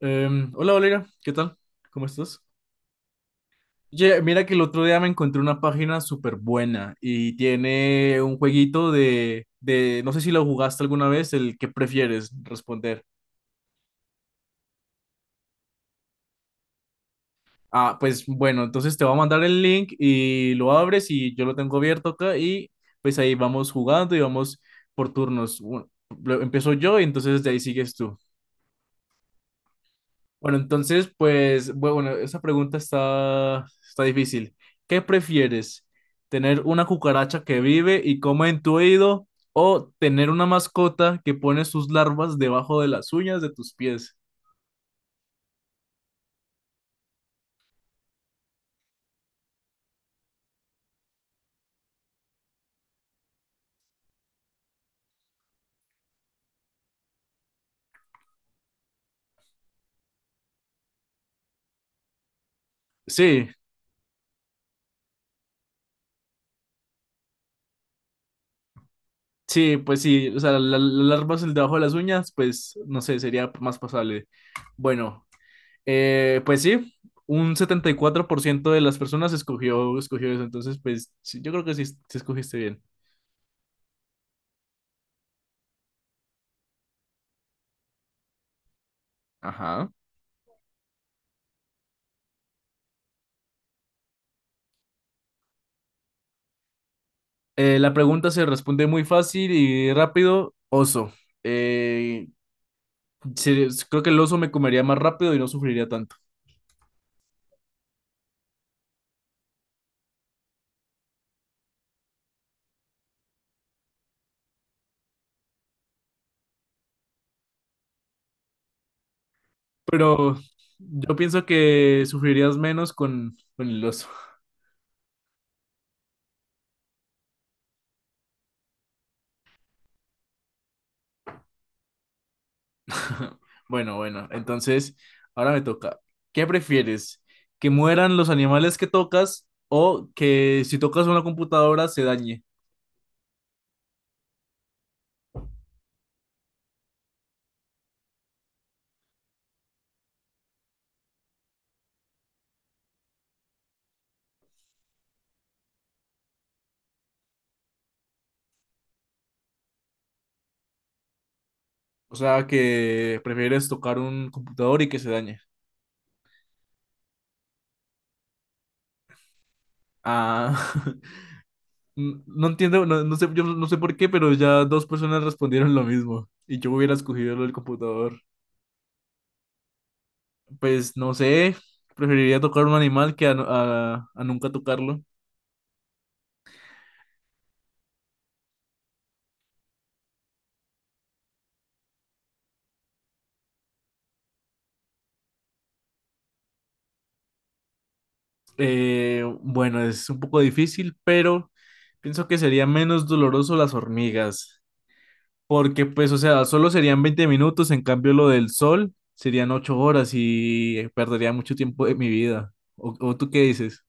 Hola Valeria, ¿qué tal? ¿Cómo estás? Oye, mira que el otro día me encontré una página súper buena y tiene un jueguito de, no sé si lo jugaste alguna vez, el que prefieres responder. Ah, pues bueno, entonces te voy a mandar el link y lo abres y yo lo tengo abierto acá y pues ahí vamos jugando y vamos por turnos. Bueno, empiezo yo y entonces de ahí sigues tú. Bueno, entonces, pues, bueno, esa pregunta está difícil. ¿Qué prefieres? ¿Tener una cucaracha que vive y come en tu oído o tener una mascota que pone sus larvas debajo de las uñas de tus pies? Sí, sí, pues sí, o sea, las larvas el debajo de las uñas, pues, no sé, sería más pasable. Bueno, pues sí, un 74% de las personas escogió eso, entonces, pues, sí, yo creo que sí, sí escogiste bien. Ajá. La pregunta se responde muy fácil y rápido. Oso. Eh, Creo que el oso me comería más rápido y no sufriría tanto. Pero yo pienso que sufrirías menos con el oso. Bueno, bueno. Entonces, ahora me toca. ¿Qué prefieres? ¿Que mueran los animales que tocas o que si tocas una computadora se dañe? O sea, que prefieres tocar un computador y que se dañe. Ah. No entiendo, no, no sé, yo no sé por qué, pero ya dos personas respondieron lo mismo y yo hubiera escogido lo del computador. Pues no sé, preferiría tocar un animal que a, a nunca tocarlo. Bueno, es un poco difícil, pero pienso que sería menos doloroso las hormigas, porque pues, o sea, solo serían 20 minutos, en cambio lo del sol serían 8 horas y perdería mucho tiempo de mi vida. O tú qué dices?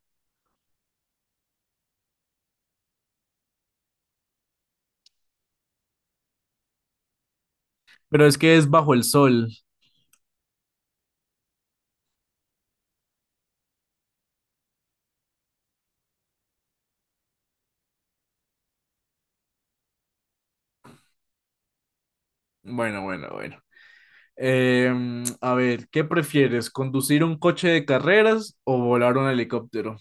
Pero es que es bajo el sol. Bueno, bueno, bueno. A ver, ¿qué prefieres? ¿Conducir un coche de carreras o volar un helicóptero?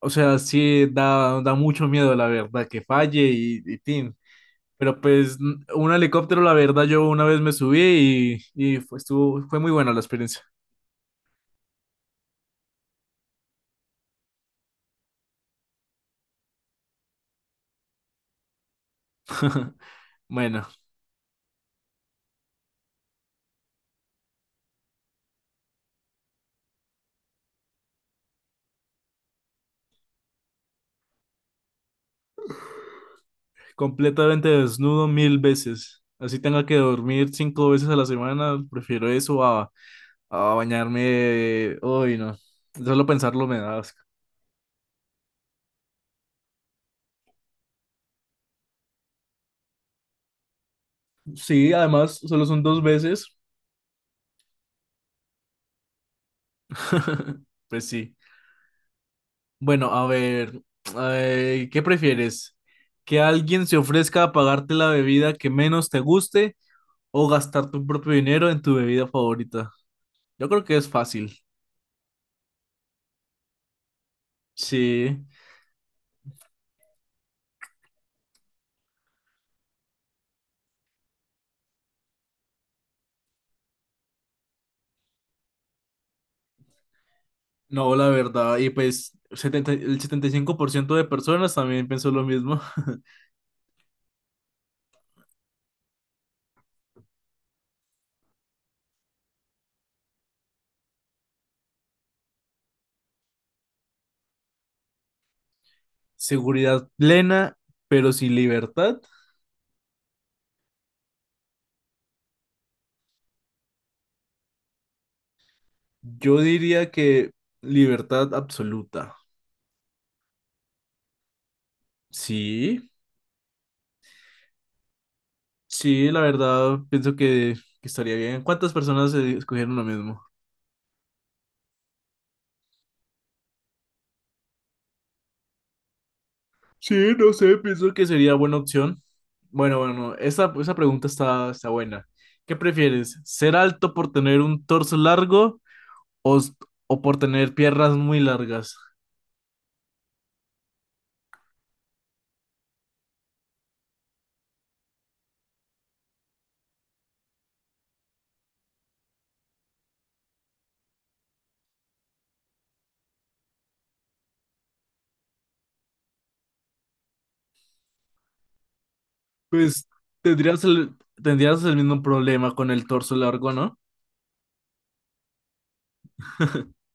O sea, sí da, da mucho miedo, la verdad, que falle y tin. Pero pues un helicóptero, la verdad, yo una vez me subí y fue, fue muy buena la experiencia. Bueno, completamente desnudo mil veces. Así tenga que dormir cinco veces a la semana, prefiero eso a bañarme. Uy, no. Solo pensarlo me da asco. Sí, además, solo son dos veces. Pues sí. Bueno, a ver, ay, ¿qué prefieres? ¿Que alguien se ofrezca a pagarte la bebida que menos te guste o gastar tu propio dinero en tu bebida favorita? Yo creo que es fácil. Sí, no, la verdad. Y pues 70 el 75% de personas también pensó lo mismo. Seguridad plena, pero sin libertad. Yo diría que libertad absoluta. Sí, sí, la verdad, pienso que estaría bien. ¿Cuántas personas escogieron lo mismo? Sí, no sé, pienso que sería buena opción. Bueno, bueno, esa pregunta está buena. ¿Qué prefieres? ¿Ser alto por tener un torso largo o, o por tener piernas muy largas? Pues tendrías el, tendrías el mismo problema con el torso largo, ¿no?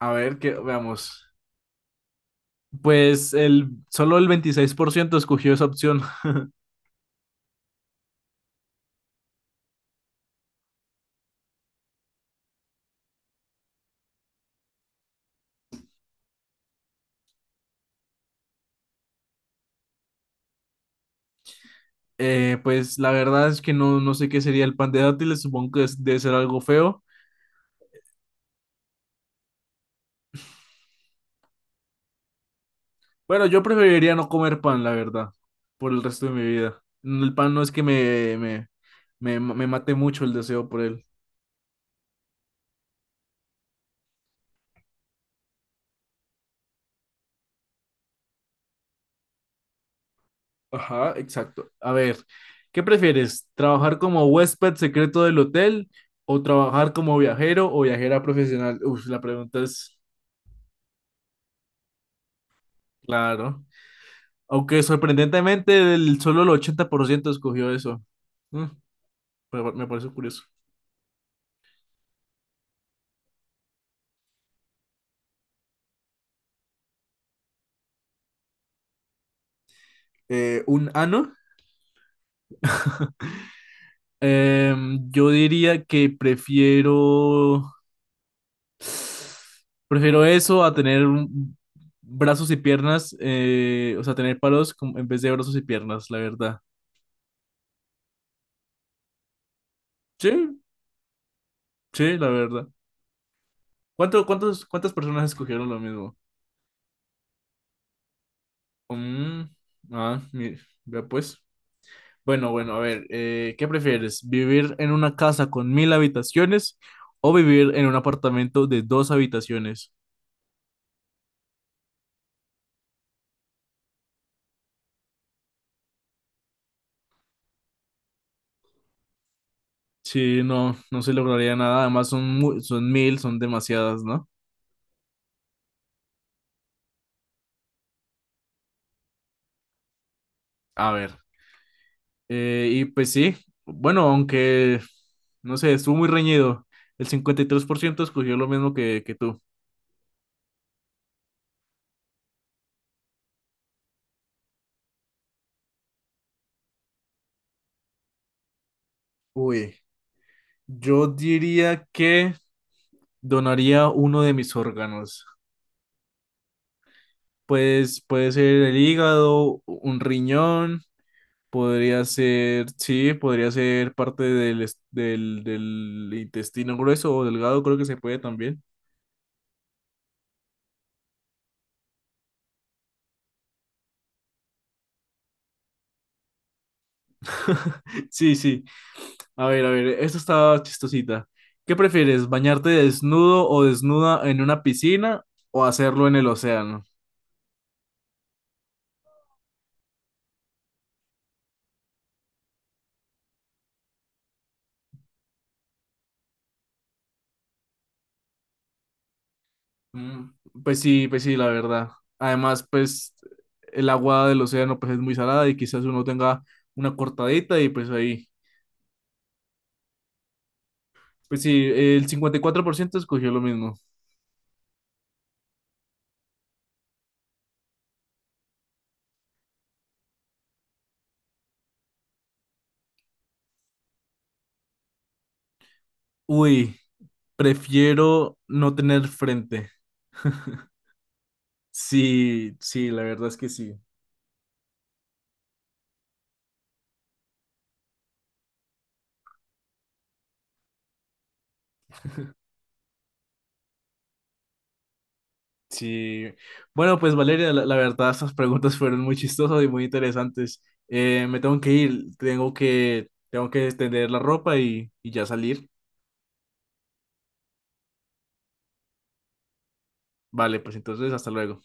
A ver, que veamos. Pues el, solo el 26% escogió esa opción. Pues la verdad es que no, no sé qué sería el pan de dátiles, supongo que debe ser algo feo. Bueno, yo preferiría no comer pan, la verdad, por el resto de mi vida. Mm, el pan no es que me mate mucho el deseo por él. Ajá, exacto. A ver, ¿qué prefieres? ¿Trabajar como huésped secreto del hotel o trabajar como viajero o viajera profesional? Uf, la pregunta es, claro. Aunque sorprendentemente el, solo el 80% escogió eso. Mm, pero me parece curioso. Un ano. Yo diría que prefiero, prefiero eso a tener brazos y piernas, o sea, tener palos en vez de brazos y piernas, la verdad. Sí, sí, la verdad. ¿Cuánto, cuántas personas escogieron lo mismo? Mm, ah, vea pues. Bueno, bueno, a ver, ¿qué prefieres? ¿Vivir en una casa con mil habitaciones o vivir en un apartamento de dos habitaciones? Sí, no, no se lograría nada. Además, son, son mil, son demasiadas, ¿no? A ver, y pues sí, bueno, aunque, no sé, estuvo muy reñido. El 53% escogió lo mismo que tú. Uy, yo diría que donaría uno de mis órganos. Pues puede ser el hígado, un riñón, podría ser, sí, podría ser parte del, del intestino grueso o delgado, creo que se puede también. Sí, sí. A ver, esto está chistosita. ¿Qué prefieres, bañarte desnudo o desnuda en una piscina o hacerlo en el océano? Mm, pues sí, pues sí, la verdad. Además, pues el agua del océano pues es muy salada y quizás uno tenga una cortadita y pues ahí. Pues sí, el 54% escogió lo mismo. Uy, prefiero no tener frente. Sí, sí, la verdad es que sí. Sí, bueno, pues Valeria, la verdad, estas preguntas fueron muy chistosas y muy interesantes. Me tengo que ir, tengo que extender la ropa y ya salir. Vale, pues entonces, hasta luego.